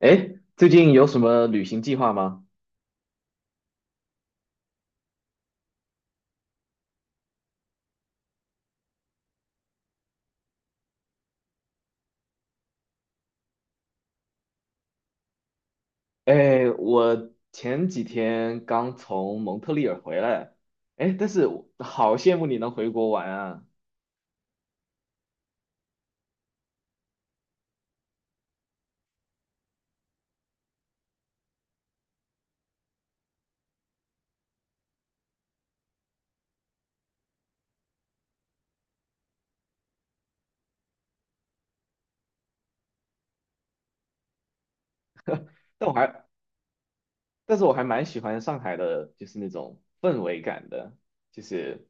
哎，最近有什么旅行计划吗？哎，我前几天刚从蒙特利尔回来，哎，但是我好羡慕你能回国玩啊！但我还，但是我还蛮喜欢上海的，就是那种氛围感的，就是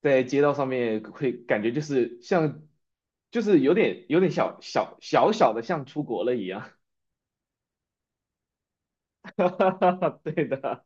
在街道上面会感觉就是像，就是有点小小的像出国了一样。对的。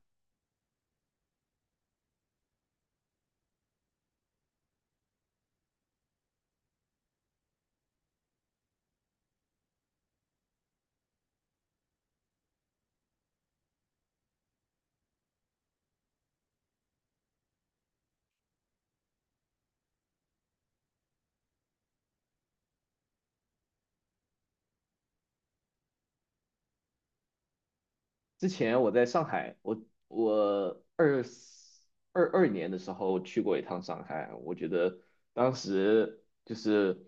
之前我在上海，我2022年的时候去过一趟上海。我觉得当时就是，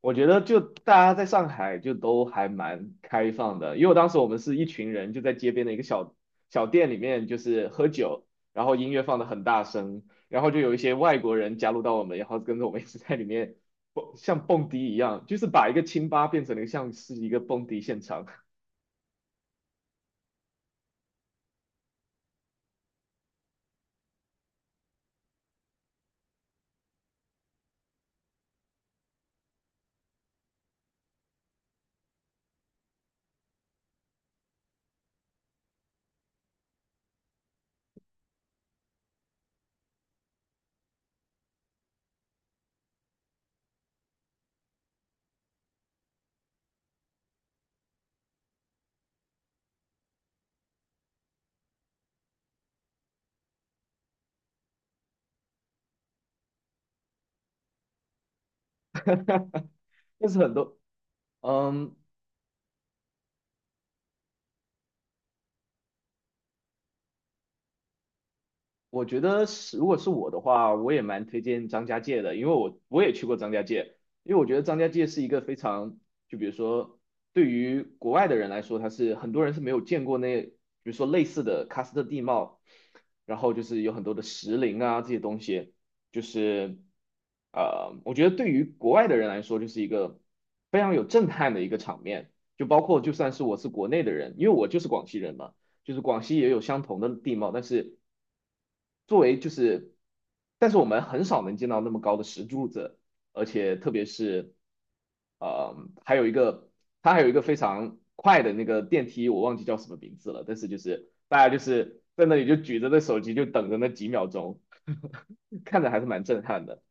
我觉得就大家在上海就都还蛮开放的，因为当时我们是一群人就在街边的一个小店里面就是喝酒，然后音乐放的很大声，然后就有一些外国人加入到我们，然后跟着我们一起在里面蹦，像蹦迪一样，就是把一个清吧变成了像是一个蹦迪现场。但是很多。嗯，我觉得是，如果是我的话，我也蛮推荐张家界的，因为我也去过张家界。因为我觉得张家界是一个非常，就比如说对于国外的人来说，他是很多人是没有见过那，比如说类似的喀斯特地貌，然后就是有很多的石林啊这些东西，就是我觉得对于国外的人来说，就是一个非常有震撼的一个场面，就包括就算是我是国内的人，因为我就是广西人嘛。就是广西也有相同的地貌，但是作为就是，但是我们很少能见到那么高的石柱子，而且特别是，呃，还有一个它还有一个非常快的那个电梯，我忘记叫什么名字了，但是就是大家就是在那里就举着那手机就等着那几秒钟，看着还是蛮震撼的。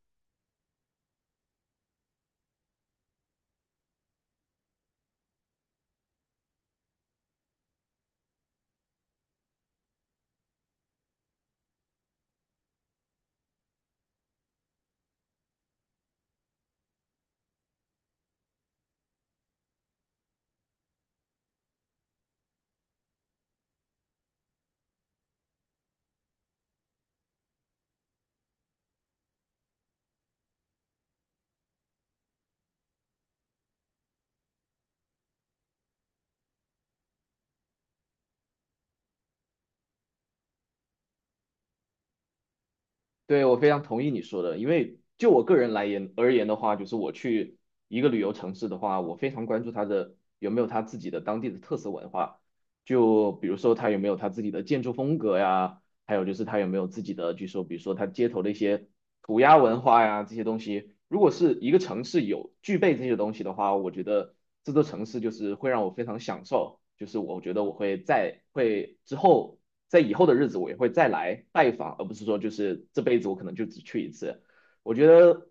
对，我非常同意你说的，因为就我个人而言的话，就是我去一个旅游城市的话，我非常关注它的有没有它自己的当地的特色文化，就比如说它有没有它自己的建筑风格呀，还有就是他有没有自己的，据说比如说他街头的一些涂鸦文化呀这些东西，如果是一个城市有具备这些东西的话，我觉得这座城市就是会让我非常享受，就是我觉得我会之后在以后的日子我也会再来拜访，而不是说就是这辈子我可能就只去一次。我觉得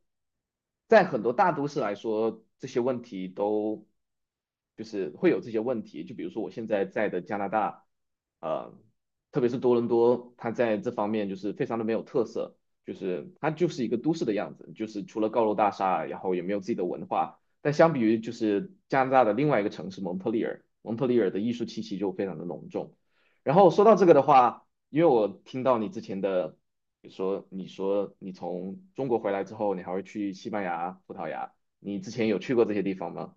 在很多大都市来说，这些问题都就是会有这些问题，就比如说我现在在的加拿大，呃。特别是多伦多，它在这方面就是非常的没有特色，就是它就是一个都市的样子，就是除了高楼大厦，然后也没有自己的文化。但相比于就是加拿大的另外一个城市蒙特利尔，蒙特利尔的艺术气息就非常的浓重。然后说到这个的话，因为我听到你之前的，比如说你说你从中国回来之后，你还会去西班牙、葡萄牙，你之前有去过这些地方吗？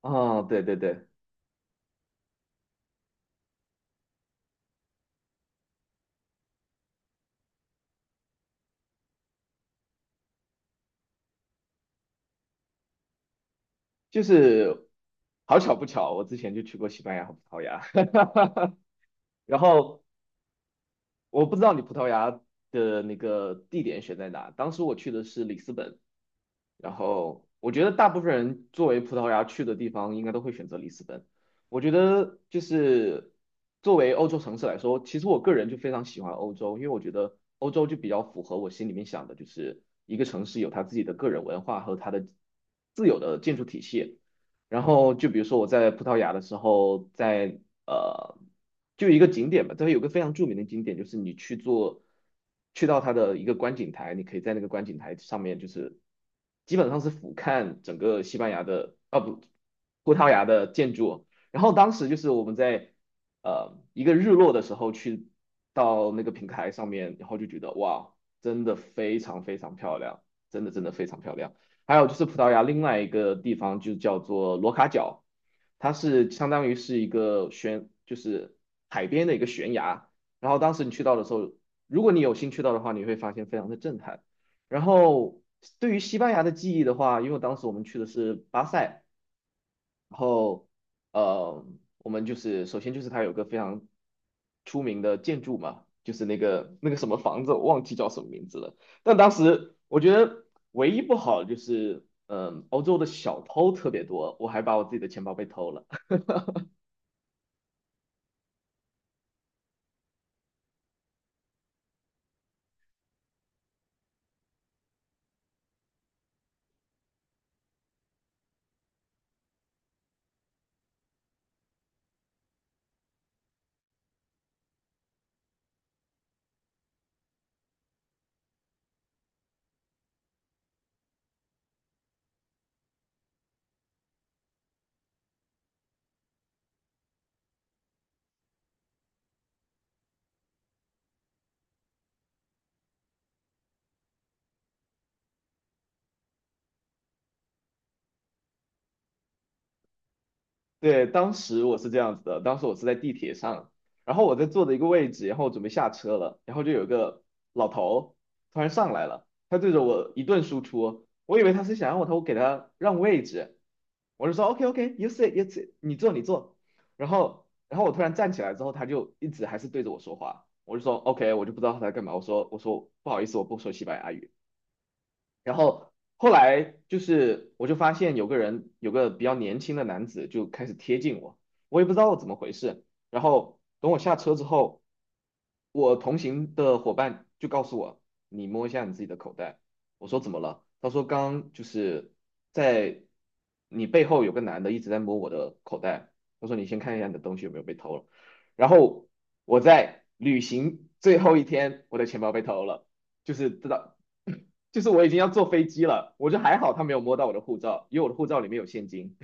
啊，对对对。就是好巧不巧，我之前就去过西班牙和葡萄牙。然后我不知道你葡萄牙的那个地点选在哪，当时我去的是里斯本。然后我觉得大部分人作为葡萄牙去的地方，应该都会选择里斯本。我觉得就是作为欧洲城市来说，其实我个人就非常喜欢欧洲，因为我觉得欧洲就比较符合我心里面想的，就是一个城市有它自己的个人文化和它的自有的建筑体系。然后就比如说我在葡萄牙的时候，在呃，就有一个景点吧，这边有个非常著名的景点，就是你去做，去到它的一个观景台，你可以在那个观景台上面，就是基本上是俯瞰整个西班牙的，啊不，葡萄牙的建筑。然后当时就是我们在一个日落的时候去到那个平台上面，然后就觉得哇，真的非常非常漂亮，真的真的非常漂亮。还有就是葡萄牙另外一个地方就叫做罗卡角，它是相当于是一个悬，就是海边的一个悬崖。然后当时你去到的时候，如果你有幸去到的话，你会发现非常的震撼。然后对于西班牙的记忆的话，因为当时我们去的是巴塞。然后，呃，我们就是首先就是它有个非常出名的建筑嘛，就是那个什么房子，我忘记叫什么名字了。但当时我觉得唯一不好的就是，嗯、欧洲的小偷特别多，我还把我自己的钱包被偷了。对，当时我是这样子的，当时我是在地铁上，然后我在坐的一个位置，然后我准备下车了，然后就有一个老头突然上来了，他对着我一顿输出，我以为他是想让我头给他让位置，我就说 OK OK，you sit，you sit，你坐你坐。然后我突然站起来之后，他就一直还是对着我说话，我就说 OK，我就不知道他在干嘛，我说不好意思，我不说西班牙语。然后后来就是我就发现有个人，有个比较年轻的男子就开始贴近我，我也不知道怎么回事。然后等我下车之后，我同行的伙伴就告诉我，你摸一下你自己的口袋。我说怎么了？他说刚就是在你背后有个男的一直在摸我的口袋。他说你先看一下你的东西有没有被偷了。然后我在旅行最后一天，我的钱包被偷了。就是知道 就是我已经要坐飞机了，我就还好他没有摸到我的护照，因为我的护照里面有现金。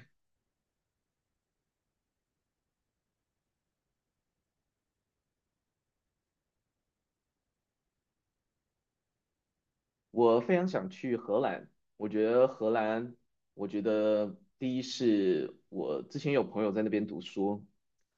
我非常想去荷兰，我觉得荷兰，我觉得第一是我之前有朋友在那边读书，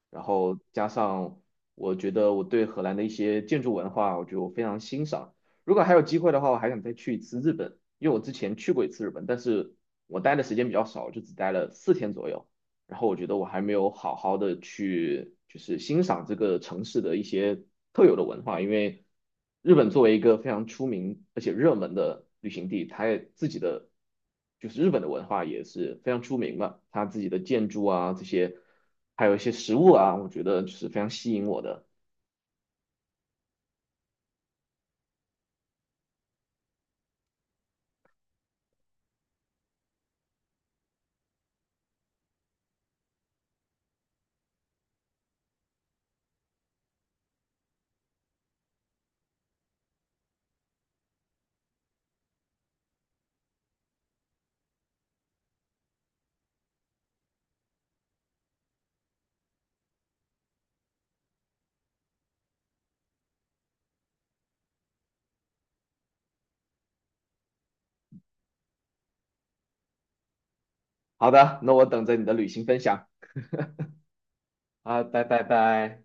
然后加上我觉得我对荷兰的一些建筑文化，我觉得我非常欣赏。如果还有机会的话，我还想再去一次日本，因为我之前去过一次日本，但是我待的时间比较少，就只待了4天左右。然后我觉得我还没有好好的去就是欣赏这个城市的一些特有的文化，因为日本作为一个非常出名而且热门的旅行地，它也自己的就是日本的文化也是非常出名嘛，它自己的建筑啊这些，还有一些食物啊，我觉得就是非常吸引我的。好的，那我等着你的旅行分享啊，拜拜拜。